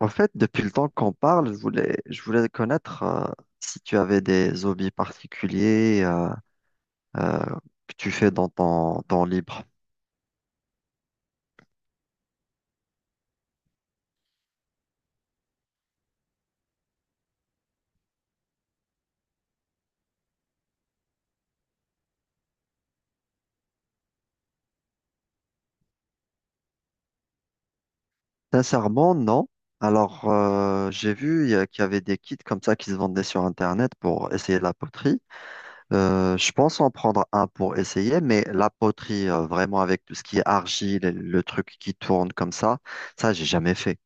En fait, depuis le temps qu'on parle, je voulais connaître si tu avais des hobbies particuliers euh, que tu fais dans ton temps libre. Sincèrement, non. Alors, j'ai vu qu'il y avait des kits comme ça qui se vendaient sur Internet pour essayer la poterie. Je pense en prendre un pour essayer, mais la poterie, vraiment avec tout ce qui est argile, et le truc qui tourne comme ça, j'ai jamais fait.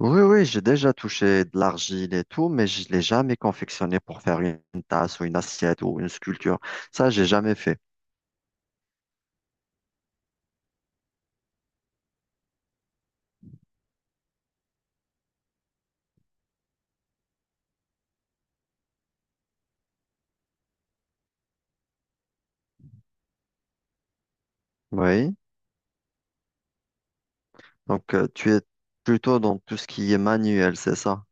Oui, oui, j'ai déjà touché de l'argile et tout, mais je l'ai jamais confectionné pour faire une tasse ou une assiette ou une sculpture. Ça, j'ai jamais fait. Oui. Donc, tu es plutôt dans tout ce qui est manuel, c'est ça?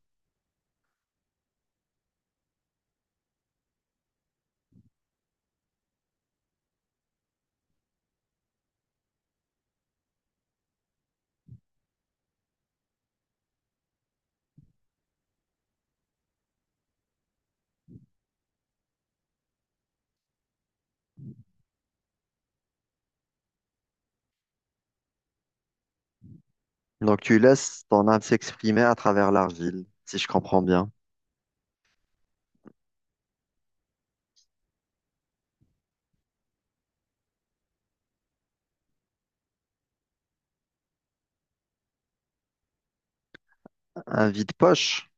Donc, tu laisses ton âme s'exprimer à travers l'argile, si je comprends bien. Un vide-poche?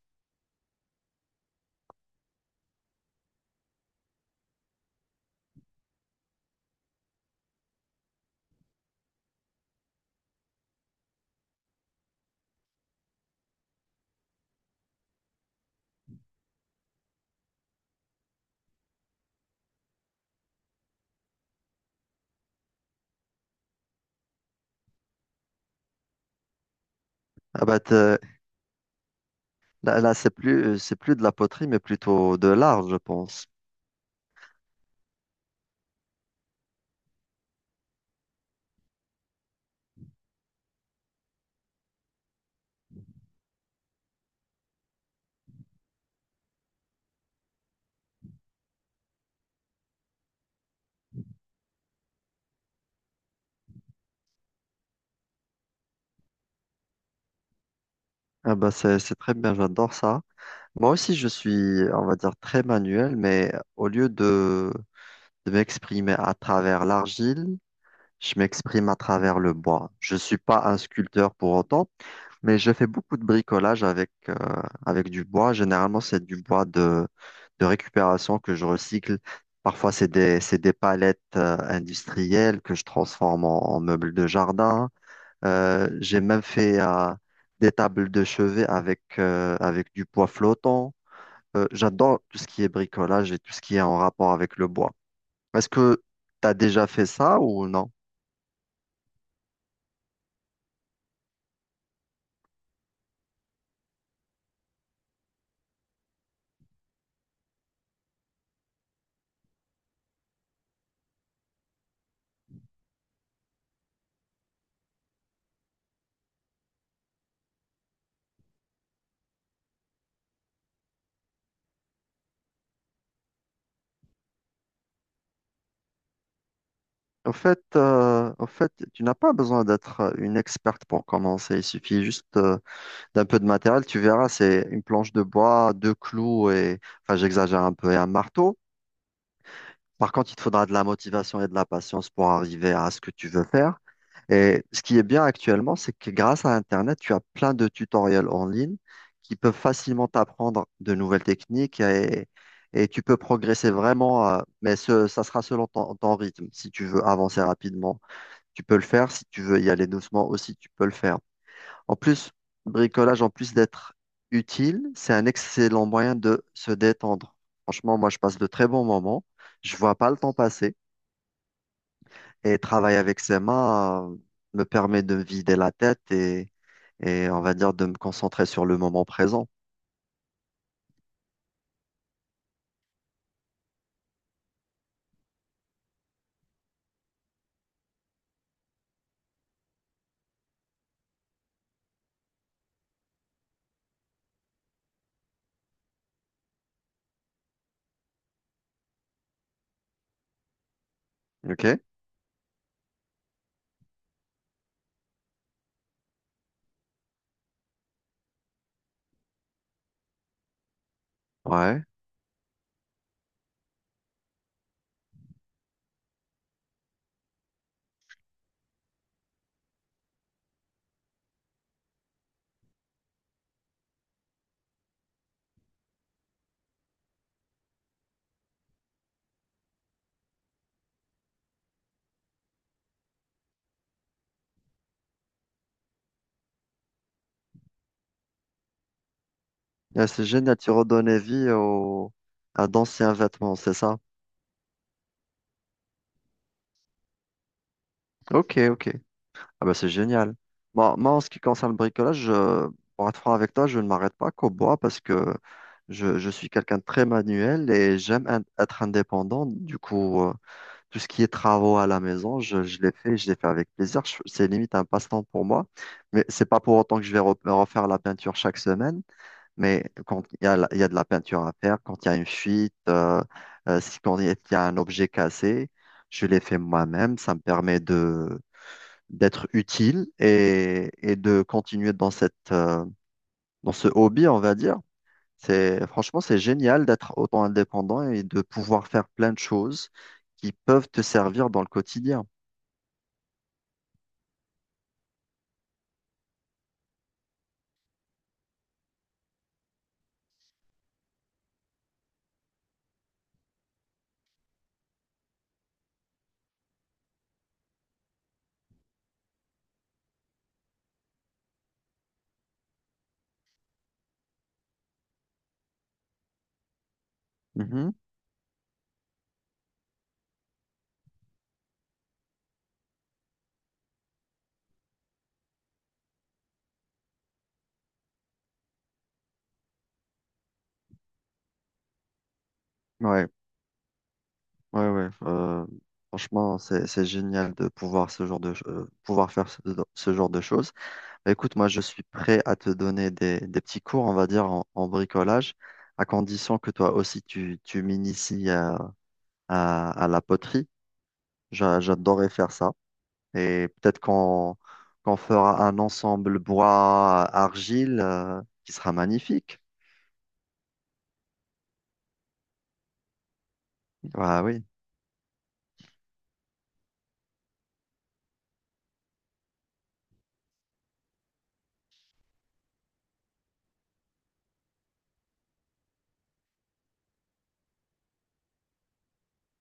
Ah bah t'es- là, c'est plus de la poterie, mais plutôt de l'art, je pense. Ah bah c'est très bien, j'adore ça. Moi aussi, je suis, on va dire, très manuel, mais au lieu de m'exprimer à travers l'argile, je m'exprime à travers le bois. Je suis pas un sculpteur pour autant, mais je fais beaucoup de bricolage avec, avec du bois. Généralement, c'est du bois de récupération que je recycle. Parfois, c'est des palettes industrielles que je transforme en, en meubles de jardin. J'ai même fait des tables de chevet avec, avec du bois flottant. J'adore tout ce qui est bricolage et tout ce qui est en rapport avec le bois. Est-ce que tu as déjà fait ça ou non? En fait, en fait, tu n'as pas besoin d'être une experte pour commencer. Il suffit juste d'un peu de matériel. Tu verras, c'est une planche de bois, deux clous et, enfin, j'exagère un peu, et un marteau. Par contre, il te faudra de la motivation et de la patience pour arriver à ce que tu veux faire. Et ce qui est bien actuellement, c'est que grâce à Internet, tu as plein de tutoriels en ligne qui peuvent facilement t'apprendre de nouvelles techniques et tu peux progresser vraiment, mais ce, ça sera selon ton rythme, si tu veux avancer rapidement tu peux le faire. Si tu veux y aller doucement aussi, tu peux le faire. En plus, le bricolage, en plus d'être utile, c'est un excellent moyen de se détendre. Franchement, moi, je passe de très bons moments. Je vois pas le temps passer. Et travailler avec ses mains, me permet de me vider la tête et on va dire de me concentrer sur le moment présent. OK? Ouais. Ah, c'est génial, tu redonnais vie au... à d'anciens vêtements, c'est ça? Ok, ok. Ah bah c'est génial. Moi, en ce qui concerne le bricolage, pour être franc avec toi, je ne m'arrête pas qu'au bois parce que je suis quelqu'un de très manuel et être indépendant. Du coup, tout ce qui est travaux à la maison, je l'ai fait avec plaisir. C'est limite un passe-temps pour moi, mais c'est pas pour autant que je vais refaire la peinture chaque semaine. Mais quand il y a, il y a de la peinture à faire, quand il y a une fuite, si quand il y a un objet cassé, je l'ai fait moi-même. Ça me permet de d'être utile et de continuer dans cette dans ce hobby, on va dire. C'est franchement c'est génial d'être autant indépendant et de pouvoir faire plein de choses qui peuvent te servir dans le quotidien. Mhm. Ouais, ouais, ouais. Franchement, c'est génial de pouvoir ce genre de ch- pouvoir faire ce genre de choses. Bah, écoute, moi, je suis prêt à te donner des petits cours, on va dire, en, en bricolage, à condition que toi aussi, tu m'inities à, à la poterie. J'adorerais faire ça. Et peut-être qu'on fera un ensemble bois-argile qui sera magnifique. Ah oui.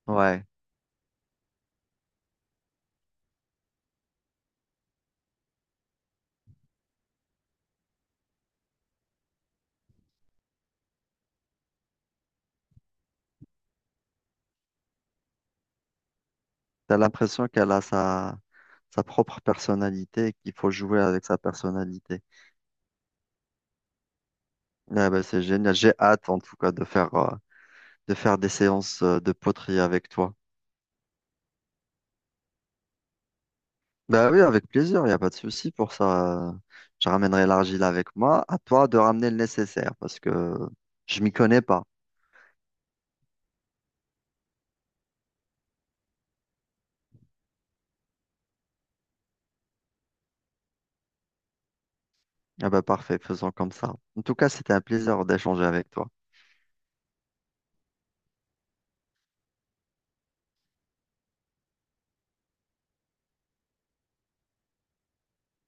Ouais. T'as l'impression qu'elle a sa, sa propre personnalité et qu'il faut jouer avec sa personnalité. Ouais, ben c'est génial. J'ai hâte, en tout cas, de faire des séances de poterie avec toi. Bah oui, avec plaisir, il n'y a pas de souci pour ça. Je ramènerai l'argile avec moi. À toi de ramener le nécessaire parce que je m'y connais pas. Ah bah parfait, faisons comme ça. En tout cas, c'était un plaisir d'échanger avec toi.